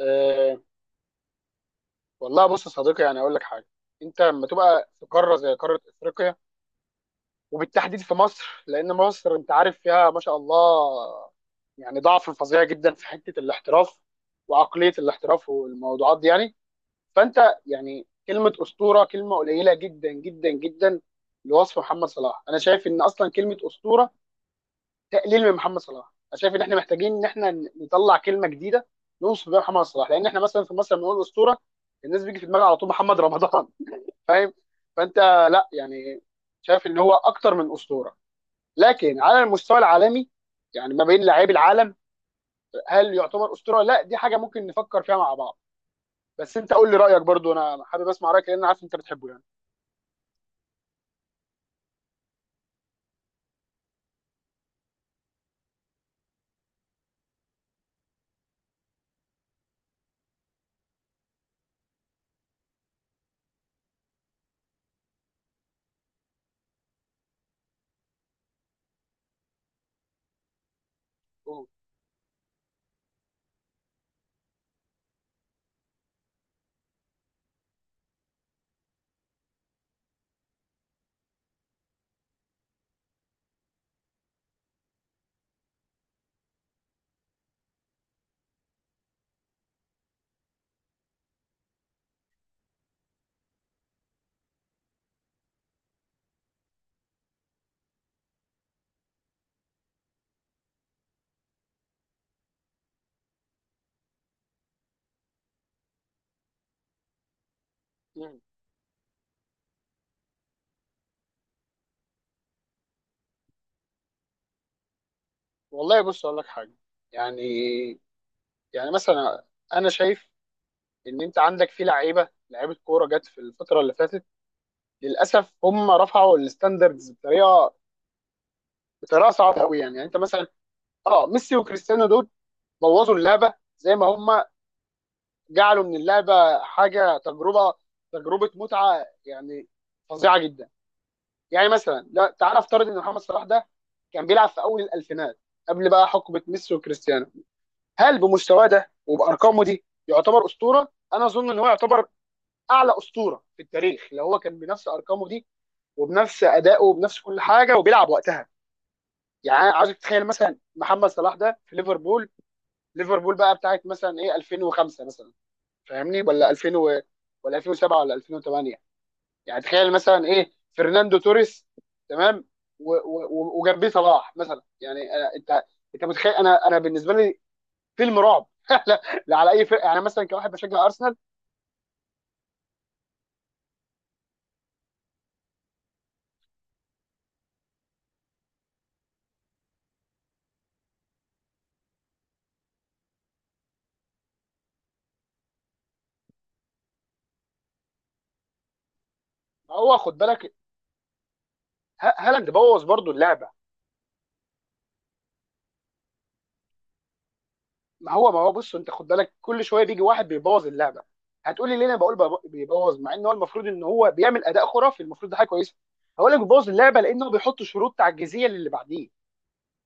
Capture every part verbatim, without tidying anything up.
أه، والله بص يا صديقي، يعني اقول لك حاجه. انت لما تبقى في قاره زي قاره افريقيا وبالتحديد في مصر، لان مصر انت عارف فيها ما شاء الله، يعني ضعف فظيع جدا في حته الاحتراف وعقليه الاحتراف والموضوعات دي يعني. فانت يعني كلمه اسطوره كلمه قليله جدا جدا جدا لوصف محمد صلاح. انا شايف ان اصلا كلمه اسطوره تقليل من محمد صلاح. انا شايف ان احنا محتاجين ان احنا نطلع كلمه جديده نوصف بيها محمد صلاح، لان احنا مثلا في مصر لما بنقول اسطوره الناس بيجي في دماغها على طول محمد رمضان فاهم؟ فانت، لا يعني، شايف ان هو اكتر من اسطوره. لكن على المستوى العالمي، يعني ما بين لاعبي العالم، هل يعتبر اسطوره؟ لا، دي حاجه ممكن نفكر فيها مع بعض. بس انت قول لي رايك برضو، انا حابب اسمع رايك لان أنا عارف انت بتحبه يعني. أوه. مم. والله بص اقول لك حاجه. يعني يعني مثلا انا شايف ان انت عندك في لعيبه لعيبه كوره جت في الفتره اللي فاتت، للاسف هم رفعوا الستاندردز بطريقه بطريقه صعبه قوي يعني. يعني انت مثلا، اه، ميسي وكريستيانو دول بوظوا اللعبه، زي ما هم جعلوا من اللعبه حاجه تجربه تجربه متعه يعني، فظيعه جدا. يعني مثلا، لا، تعال افترض ان محمد صلاح ده كان بيلعب في اول الالفينات، قبل بقى حقبه ميسي وكريستيانو. هل بمستواه ده وبارقامه دي يعتبر اسطوره؟ انا اظن ان هو يعتبر اعلى اسطوره في التاريخ لو هو كان بنفس ارقامه دي وبنفس ادائه وبنفس كل حاجه وبيلعب وقتها. يعني أنا عايزك تتخيل مثلا محمد صلاح ده في ليفربول. ليفربول بقى بتاعت مثلا ايه ألفين وخمسة مثلا، فاهمني؟ ولا ألفين و...، ولا ألفين وسبعة ولا ألفين وثمانية. يعني تخيل مثلا ايه فرناندو توريس، تمام، و... و... وجنبيه صلاح مثلا، يعني أنا... انت، انت متخيل؟ انا انا بالنسبه لي فيلم رعب لا... لا على اي فرقه، يعني مثلا كواحد بشجع ارسنال. هو خد بالك، ه... هالاند بوظ برضو اللعبه. ما هو ما هو بص، انت خد بالك كل شويه بيجي واحد بيبوظ اللعبه. هتقولي ليه انا بقول بب- بيبوظ مع ان هو المفروض ان هو بيعمل اداء خرافي، المفروض ده حاجه كويسه. هقول لك بيبوظ اللعبه لانه بيحط شروط تعجيزيه للي بعديه،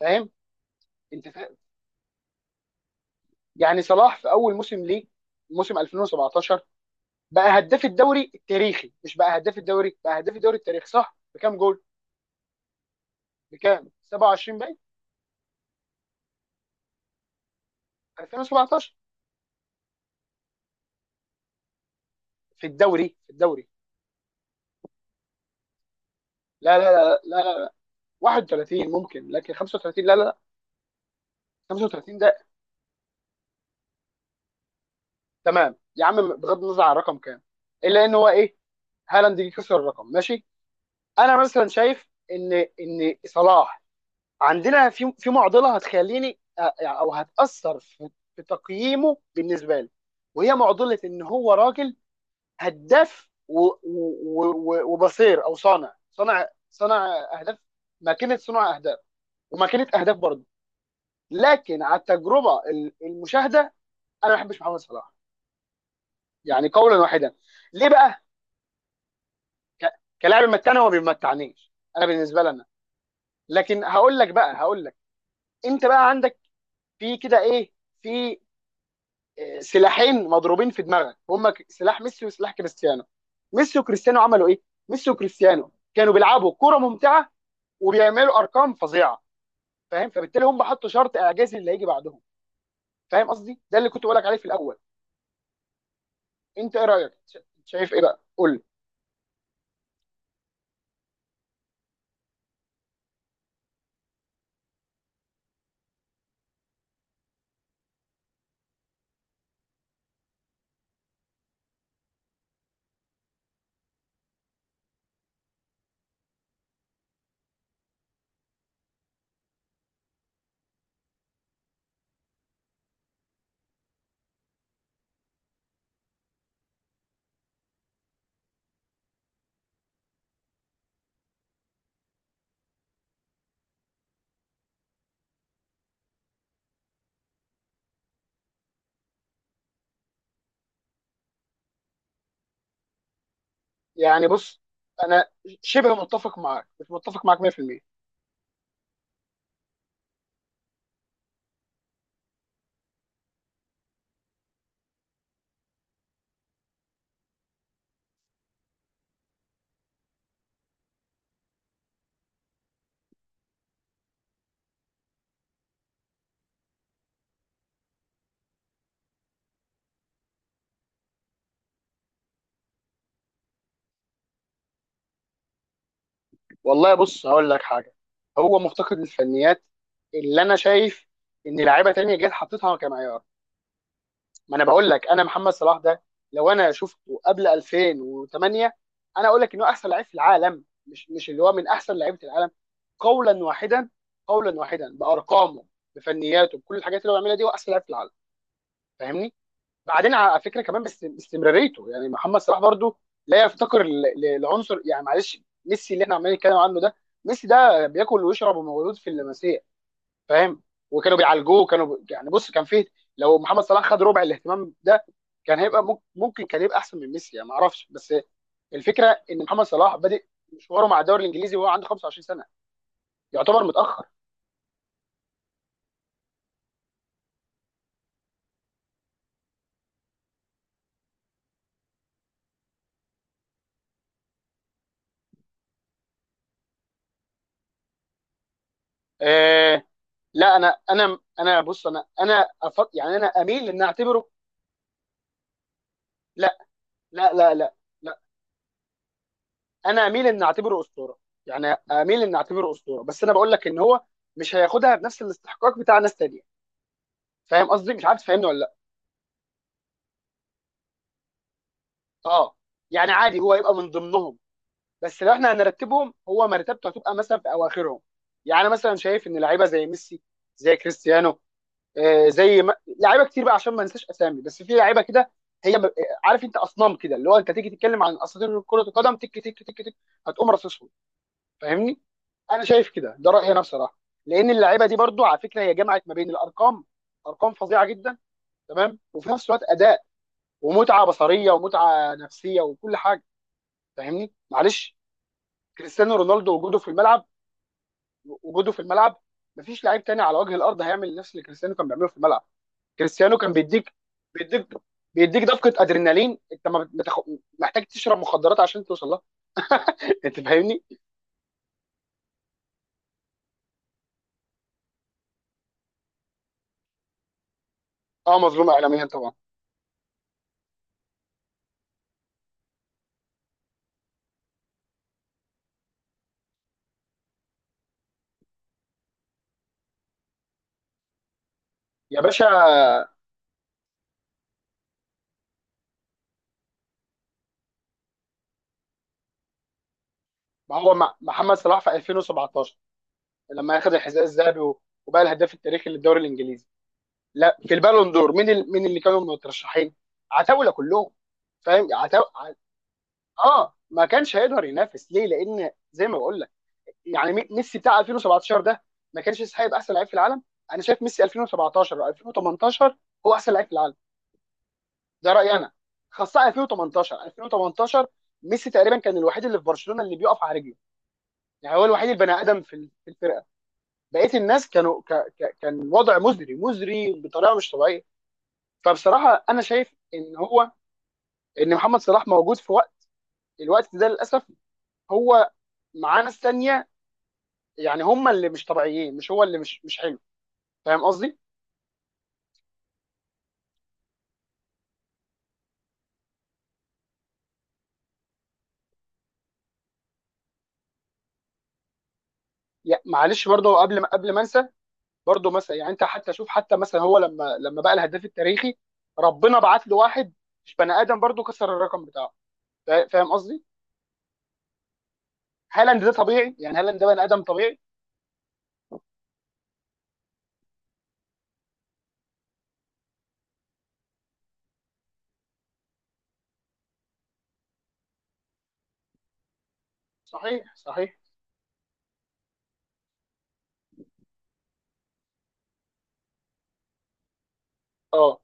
فاهم؟ انت فاهم، يعني صلاح في اول موسم ليه، موسم ألفين وسبعتاشر، بقى هداف الدوري التاريخي، مش بقى هداف الدوري، بقى هداف الدوري التاريخي، صح؟ بكام جول؟ بكام سبعة وعشرين، باين. ألفين وسبعتاشر في الدوري، في الدوري، لا لا لا لا لا، واحد وثلاثين ممكن لكن خمس وثلاثين لا لا لا. خمسة وثلاثين تمام يا عم، بغض النظر عن الرقم كام، الا ان هو ايه، هالاند جه كسر الرقم ماشي. انا مثلا شايف ان ان صلاح عندنا في في معضله هتخليني أ- او هتاثر في في تقييمه بالنسبه لي، وهي معضله ان هو راجل هداف و- و- و- وبصير، او صانع صانع صانع اهداف، ماكينه صنع اهداف وماكينه اهداف برضه. لكن على التجربه، ال- المشاهده، انا ما بحبش محمد صلاح، يعني قولا واحدا. ليه بقى؟ ك- كلاعب يمتعني، هو ما بيمتعنيش انا بالنسبه لنا. لكن هقول لك بقى، هقول لك، انت بقى عندك في كده ايه، في، آه، سلاحين مضروبين في دماغك هما ك- سلاح ميسي وسلاح كريستيانو. ميسي وكريستيانو عملوا ايه؟ ميسي وكريستيانو كانوا بيلعبوا كرة ممتعة وبيعملوا ارقام فظيعة، فاهم؟ فبالتالي هم حطوا شرط اعجازي اللي هيجي بعدهم. فاهم قصدي؟ ده اللي كنت بقول لك عليه في الاول. انت ايه رايك؟ ش- شايف ايه بقى؟ قول لي. يعني بص انا شبه متفق معاك، مش متفق معاك مية في المية. والله بص هقول لك حاجه، هو مفتقد للفنيات. اللي انا شايف ان لعيبه تانية جت حطيتها كمعيار. ما انا بقول لك، انا محمد صلاح ده لو انا شفته قبل ألفين وتمنية، انا اقول لك انه احسن لعيب في العالم، مش مش اللي هو من احسن لعيبه العالم، قولا واحدا. قولا واحدا، بارقامه، بفنياته، بكل الحاجات اللي هو بيعملها دي، هو احسن لعيب في العالم، فاهمني؟ بعدين على فكره كمان، بس استمراريته يعني محمد صلاح برضو لا يفتقر ل- ل- لعنصر. يعني معلش، ميسي اللي احنا عمالين نتكلم عنه ده، ميسي ده بياكل ويشرب ومولود في اللمسيه فاهم، وكانوا بيعالجوه، كانوا ب... يعني بص كان فيه، لو محمد صلاح خد ربع الاهتمام ده كان هيبقى ممكن, ممكن كان يبقى احسن من ميسي، يعني ما اعرفش. بس الفكره ان محمد صلاح بادئ مشواره مع الدوري الانجليزي وهو عنده خمسة وعشرين سنه، يعتبر متاخر. آه، لا، انا انا انا بص، انا انا أفض... يعني انا اميل ان اعتبره، لا لا لا لا، انا اميل ان اعتبره اسطوره. يعني اميل ان اعتبره اسطوره، بس انا بقول لك ان هو مش هياخدها بنفس الاستحقاق بتاع ناس تانية، فاهم قصدي؟ مش عارف تفهمني ولا لا؟ اه، يعني عادي هو يبقى من ضمنهم، بس لو احنا هنرتبهم هو مرتبته هتبقى مثلا في اواخرهم. يعني أنا مثلا شايف ان لعيبه زي ميسي، زي كريستيانو، آه، زي ما...، لعيبه كتير بقى عشان ما ننساش اسامي، بس في لعيبه كده، هي ب- عارف، انت اصنام كده اللي هو انت تيجي تتكلم عن اساطير كره القدم تك تك تك تك، هتقوم رصصهم، فاهمني؟ انا شايف كده، ده رايي انا بصراحه. لان اللعيبه دي برضو على فكره هي جمعت ما بين الارقام، ارقام فظيعه جدا تمام، وفي نفس الوقت اداء ومتعه بصريه ومتعه نفسيه وكل حاجه، فاهمني؟ معلش، كريستيانو رونالدو وجوده في الملعب، وجوده في الملعب، مفيش لعيب تاني على وجه الارض هيعمل نفس اللي كريستيانو كان بيعمله في الملعب. كريستيانو كان بيديك، بيديك، بيديك دفقه ادرينالين، انت ما بتخ... محتاج تشرب مخدرات عشان توصل لها، انت فاهمني؟ اه، مظلوم اعلاميا طبعا. يا باشا، ما هو مع- محمد صلاح في ألفين وسبعتاشر لما اخذ الحذاء الذهبي و- وبقى الهداف التاريخي للدوري الانجليزي، لا، في البالون دور مين، ال... مين اللي كانوا مترشحين؟ عتاوله كلهم، فاهم؟ عتاو... ع- اه، ما كانش هيقدر ينافس ليه، لان زي ما بقول لك، يعني مي- ميسي بتاع ألفين وسبعة عشر ده ما كانش يستحق يبقى احسن لعيب في العالم. انا شايف ميسي ألفين وسبعتاشر او ألفين وتمنتاشر هو احسن لعيب في العالم، ده رايي انا، خاصه ألفين وتمنتاشر ألفين وتمنتاشر ميسي تقريبا كان الوحيد اللي في برشلونه اللي بيقف على رجله، يعني هو الوحيد البني ادم في ال- في الفرقه. بقيه الناس كانوا ك... ك... كان وضع مزري مزري بطريقه مش طبيعيه. فبصراحه انا شايف ان هو، ان محمد صلاح موجود في وقت، الوقت ده للاسف هو معاه ناس ثانيه، يعني هم اللي مش طبيعيين، مش هو اللي مش مش حلو، فاهم قصدي؟ يا- معلش برضه، قبل ما قبل ما انسى، برضه مثلا يعني انت حتى شوف، حتى مثلا هو لما لما بقى الهداف التاريخي ربنا بعت له واحد مش بني ادم، برضه كسر الرقم بتاعه، فا- فاهم قصدي؟ هالاند ده طبيعي، يعني هالاند ده بني ادم طبيعي. صحيح صحيح. اه،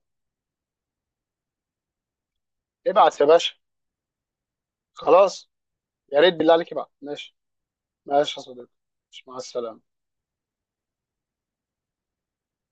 ابعت يا باشا. خلاص، يا ريت بالله عليك بقى. ماشي، ماشي يا صديقي. ماشي، مع السلامة.